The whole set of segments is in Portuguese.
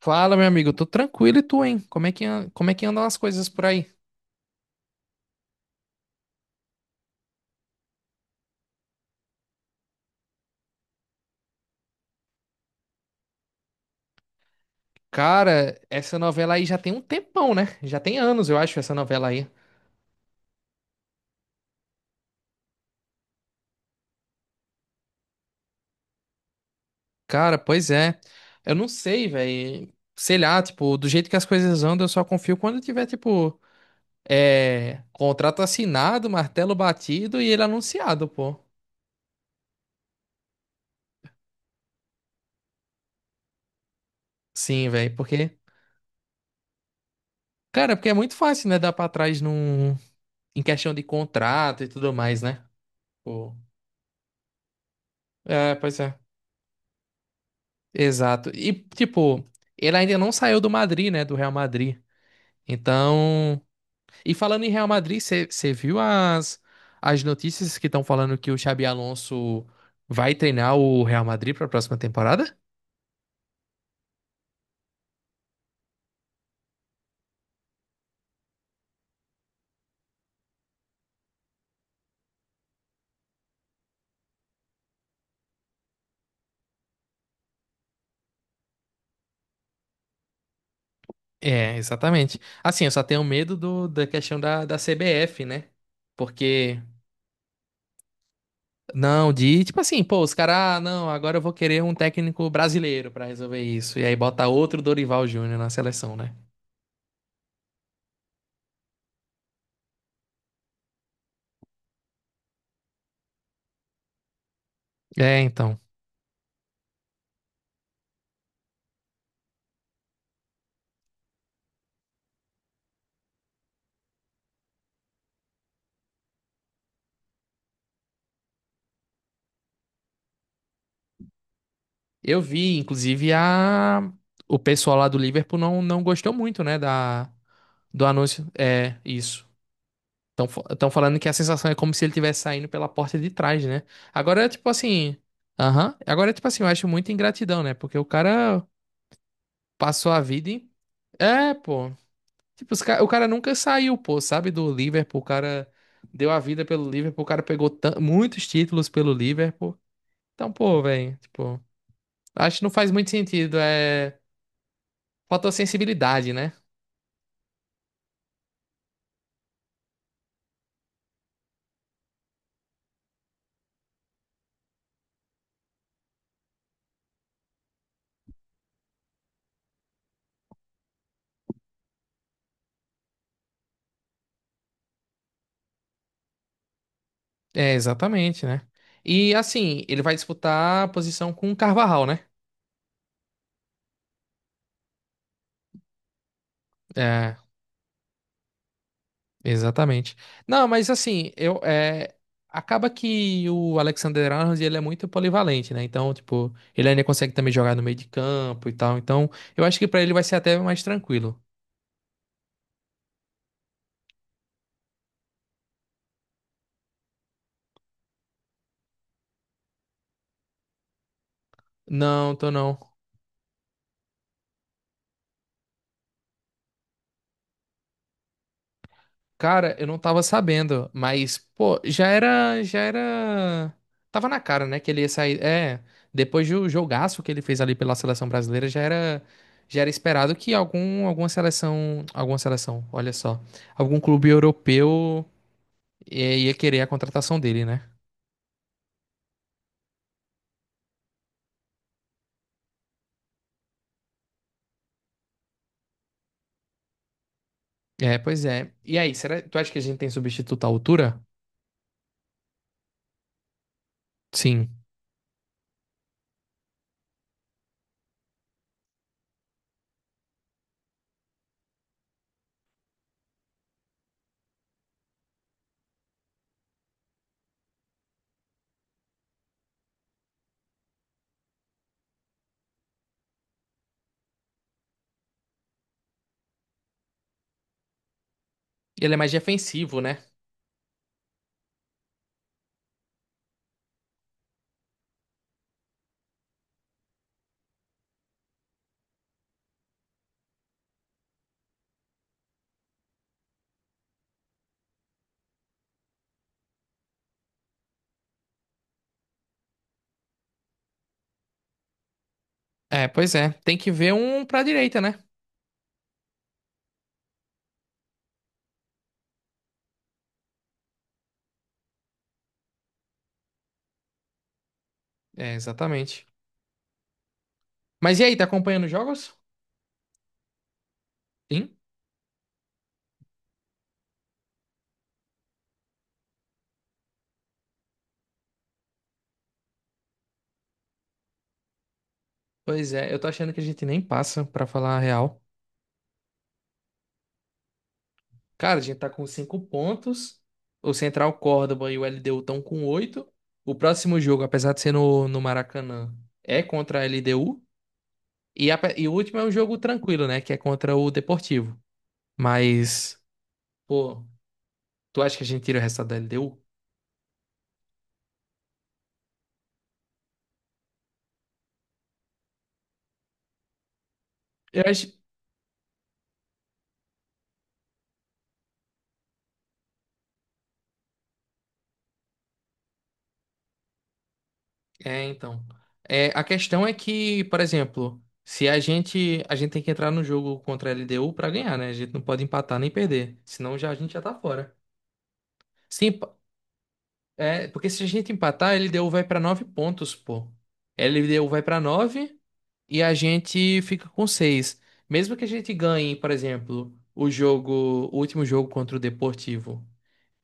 Fala, meu amigo, tô tranquilo e tu, hein? Como é que, como é que andam as coisas por aí? Cara, essa novela aí já tem um tempão, né? Já tem anos, eu acho, essa novela aí. Cara, pois é. Eu não sei, velho. Sei lá, tipo, do jeito que as coisas andam, eu só confio quando tiver, tipo, é, contrato assinado, martelo batido e ele anunciado, pô. Sim, velho, porque. Cara, porque é muito fácil, né? Dar pra trás em questão de contrato e tudo mais, né? Pô. É, pois é. Exato. E, tipo, ele ainda não saiu do Madrid, né? Do Real Madrid. Então. E falando em Real Madrid, você viu as notícias que estão falando que o Xabi Alonso vai treinar o Real Madrid para a próxima temporada? É, exatamente. Assim, eu só tenho medo da questão da CBF, né? Porque. Não, de tipo assim, pô, os caras, ah, não, agora eu vou querer um técnico brasileiro para resolver isso. E aí bota outro Dorival Júnior na seleção, né? É, então. Eu vi, inclusive, a... o pessoal lá do Liverpool não, não gostou muito, né, da... do anúncio. É, isso. Estão falando que a sensação é como se ele estivesse saindo pela porta de trás, né? Agora, tipo assim. Aham. Agora, tipo assim, eu acho muita ingratidão, né? Porque o cara passou a vida em. É, pô. Tipo, o cara nunca saiu, pô, sabe, do Liverpool. O cara deu a vida pelo Liverpool. O cara pegou muitos títulos pelo Liverpool. Então, pô, velho, tipo. Acho que não faz muito sentido. É. Fotossensibilidade, né? É, exatamente, né? E assim, ele vai disputar a posição com o Carvajal, né? É, exatamente. Não, mas assim, eu acaba que o Alexander Arnold ele é muito polivalente, né? Então, tipo, ele ainda consegue também jogar no meio de campo e tal. Então, eu acho que pra ele vai ser até mais tranquilo. Não, tô não. Cara, eu não tava sabendo, mas, pô, já era... Tava na cara, né, que ele ia sair... É, depois do jogaço que ele fez ali pela seleção brasileira, já era esperado que algum, alguma seleção... Alguma seleção, olha só. Algum clube europeu ia querer a contratação dele, né? É, pois é. E aí, será, tu acha que a gente tem substituto à altura? Sim. Ele é mais defensivo, né? É, pois é. Tem que ver um pra direita, né? É, exatamente. Mas e aí, tá acompanhando os jogos? Sim. Pois é, eu tô achando que a gente nem passa, pra falar a real. Cara, a gente tá com 5 pontos. O Central Córdoba e o LDU estão com oito. O próximo jogo, apesar de ser no Maracanã, é contra a LDU. E, e o último é um jogo tranquilo, né? Que é contra o Deportivo. Mas, pô, tu acha que a gente tira o resultado da LDU? Eu acho. É, então. É, a questão é que, por exemplo, se a gente. A gente tem que entrar no jogo contra a LDU pra ganhar, né? A gente não pode empatar nem perder. Senão já, a gente já tá fora. Sim, é, porque se a gente empatar, a LDU vai pra 9 pontos, pô. A LDU vai pra nove e a gente fica com seis. Mesmo que a gente ganhe, por exemplo, o jogo, o último jogo contra o Deportivo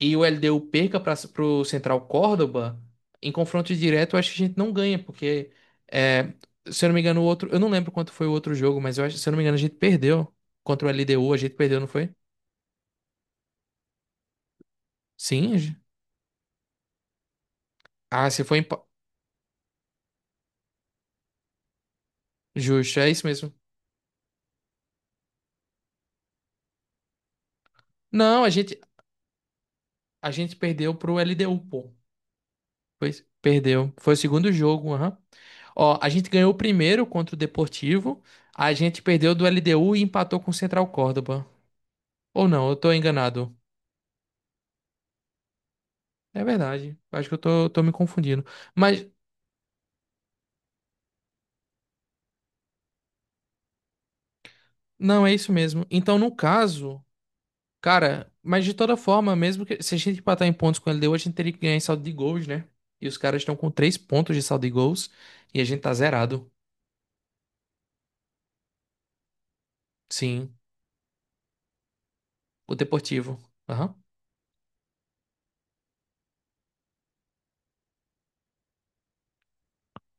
e o LDU perca para pro Central Córdoba, em confronto direto, eu acho que a gente não ganha, porque é, se eu não me engano, o outro, eu não lembro quanto foi o outro jogo, mas eu acho, se eu não me engano, a gente perdeu contra o LDU, a gente perdeu, não foi? Sim. Ah, se foi justo, é isso mesmo. Não, a gente, a gente perdeu pro LDU, pô. Pois, perdeu. Foi o segundo jogo, aham. Ó, a gente ganhou o primeiro contra o Deportivo. A gente perdeu do LDU e empatou com o Central Córdoba. Ou não, eu tô enganado. É verdade. Acho que eu tô me confundindo. Mas, não, é isso mesmo. Então, no caso, cara, mas de toda forma, mesmo que se a gente empatar em pontos com o LDU, a gente teria que ganhar em saldo de gols, né? E os caras estão com 3 pontos de saldo de gols. E a gente tá zerado. Sim, o Deportivo. Aham.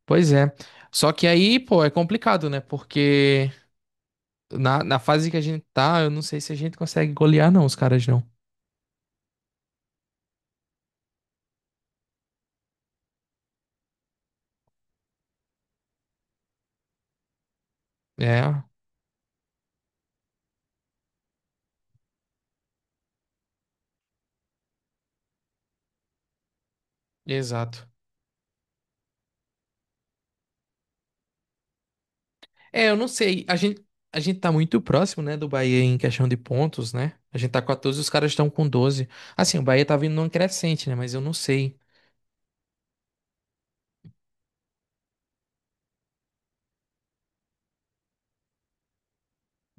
Pois é. Só que aí, pô, é complicado, né? Porque na fase que a gente tá, eu não sei se a gente consegue golear, não, os caras não. É, exato. É, eu não sei. A gente tá muito próximo, né, do Bahia em questão de pontos, né? A gente tá 14, os caras estão com 12. Assim, o Bahia tá vindo num crescente, né? Mas eu não sei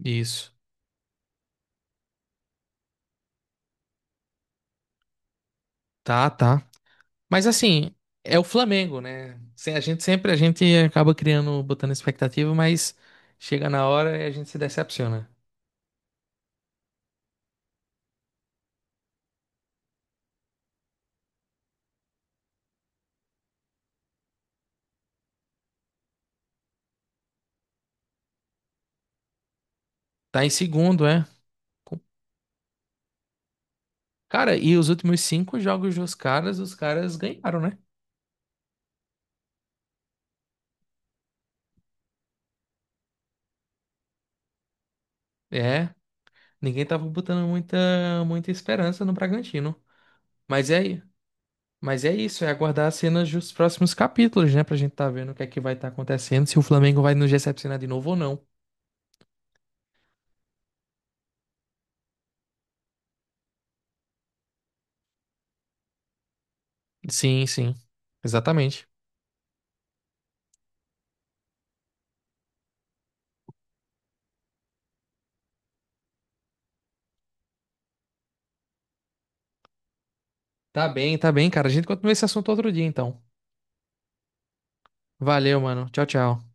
isso. Tá, tá. Mas assim, é o Flamengo, né? A gente sempre, a gente acaba criando, botando expectativa, mas chega na hora e a gente se decepciona. Tá em segundo, é? Cara, e os últimos cinco jogos dos caras, os caras ganharam, né? É, ninguém tava botando muita, muita esperança no Bragantino. Mas é, mas é isso, é aguardar as cenas dos próximos capítulos, né? Pra gente tá vendo o que é que vai estar acontecendo, se o Flamengo vai nos decepcionar de novo ou não. Sim, sim, exatamente. Tá bem, cara. A gente continua esse assunto outro dia, então. Valeu, mano. Tchau, tchau.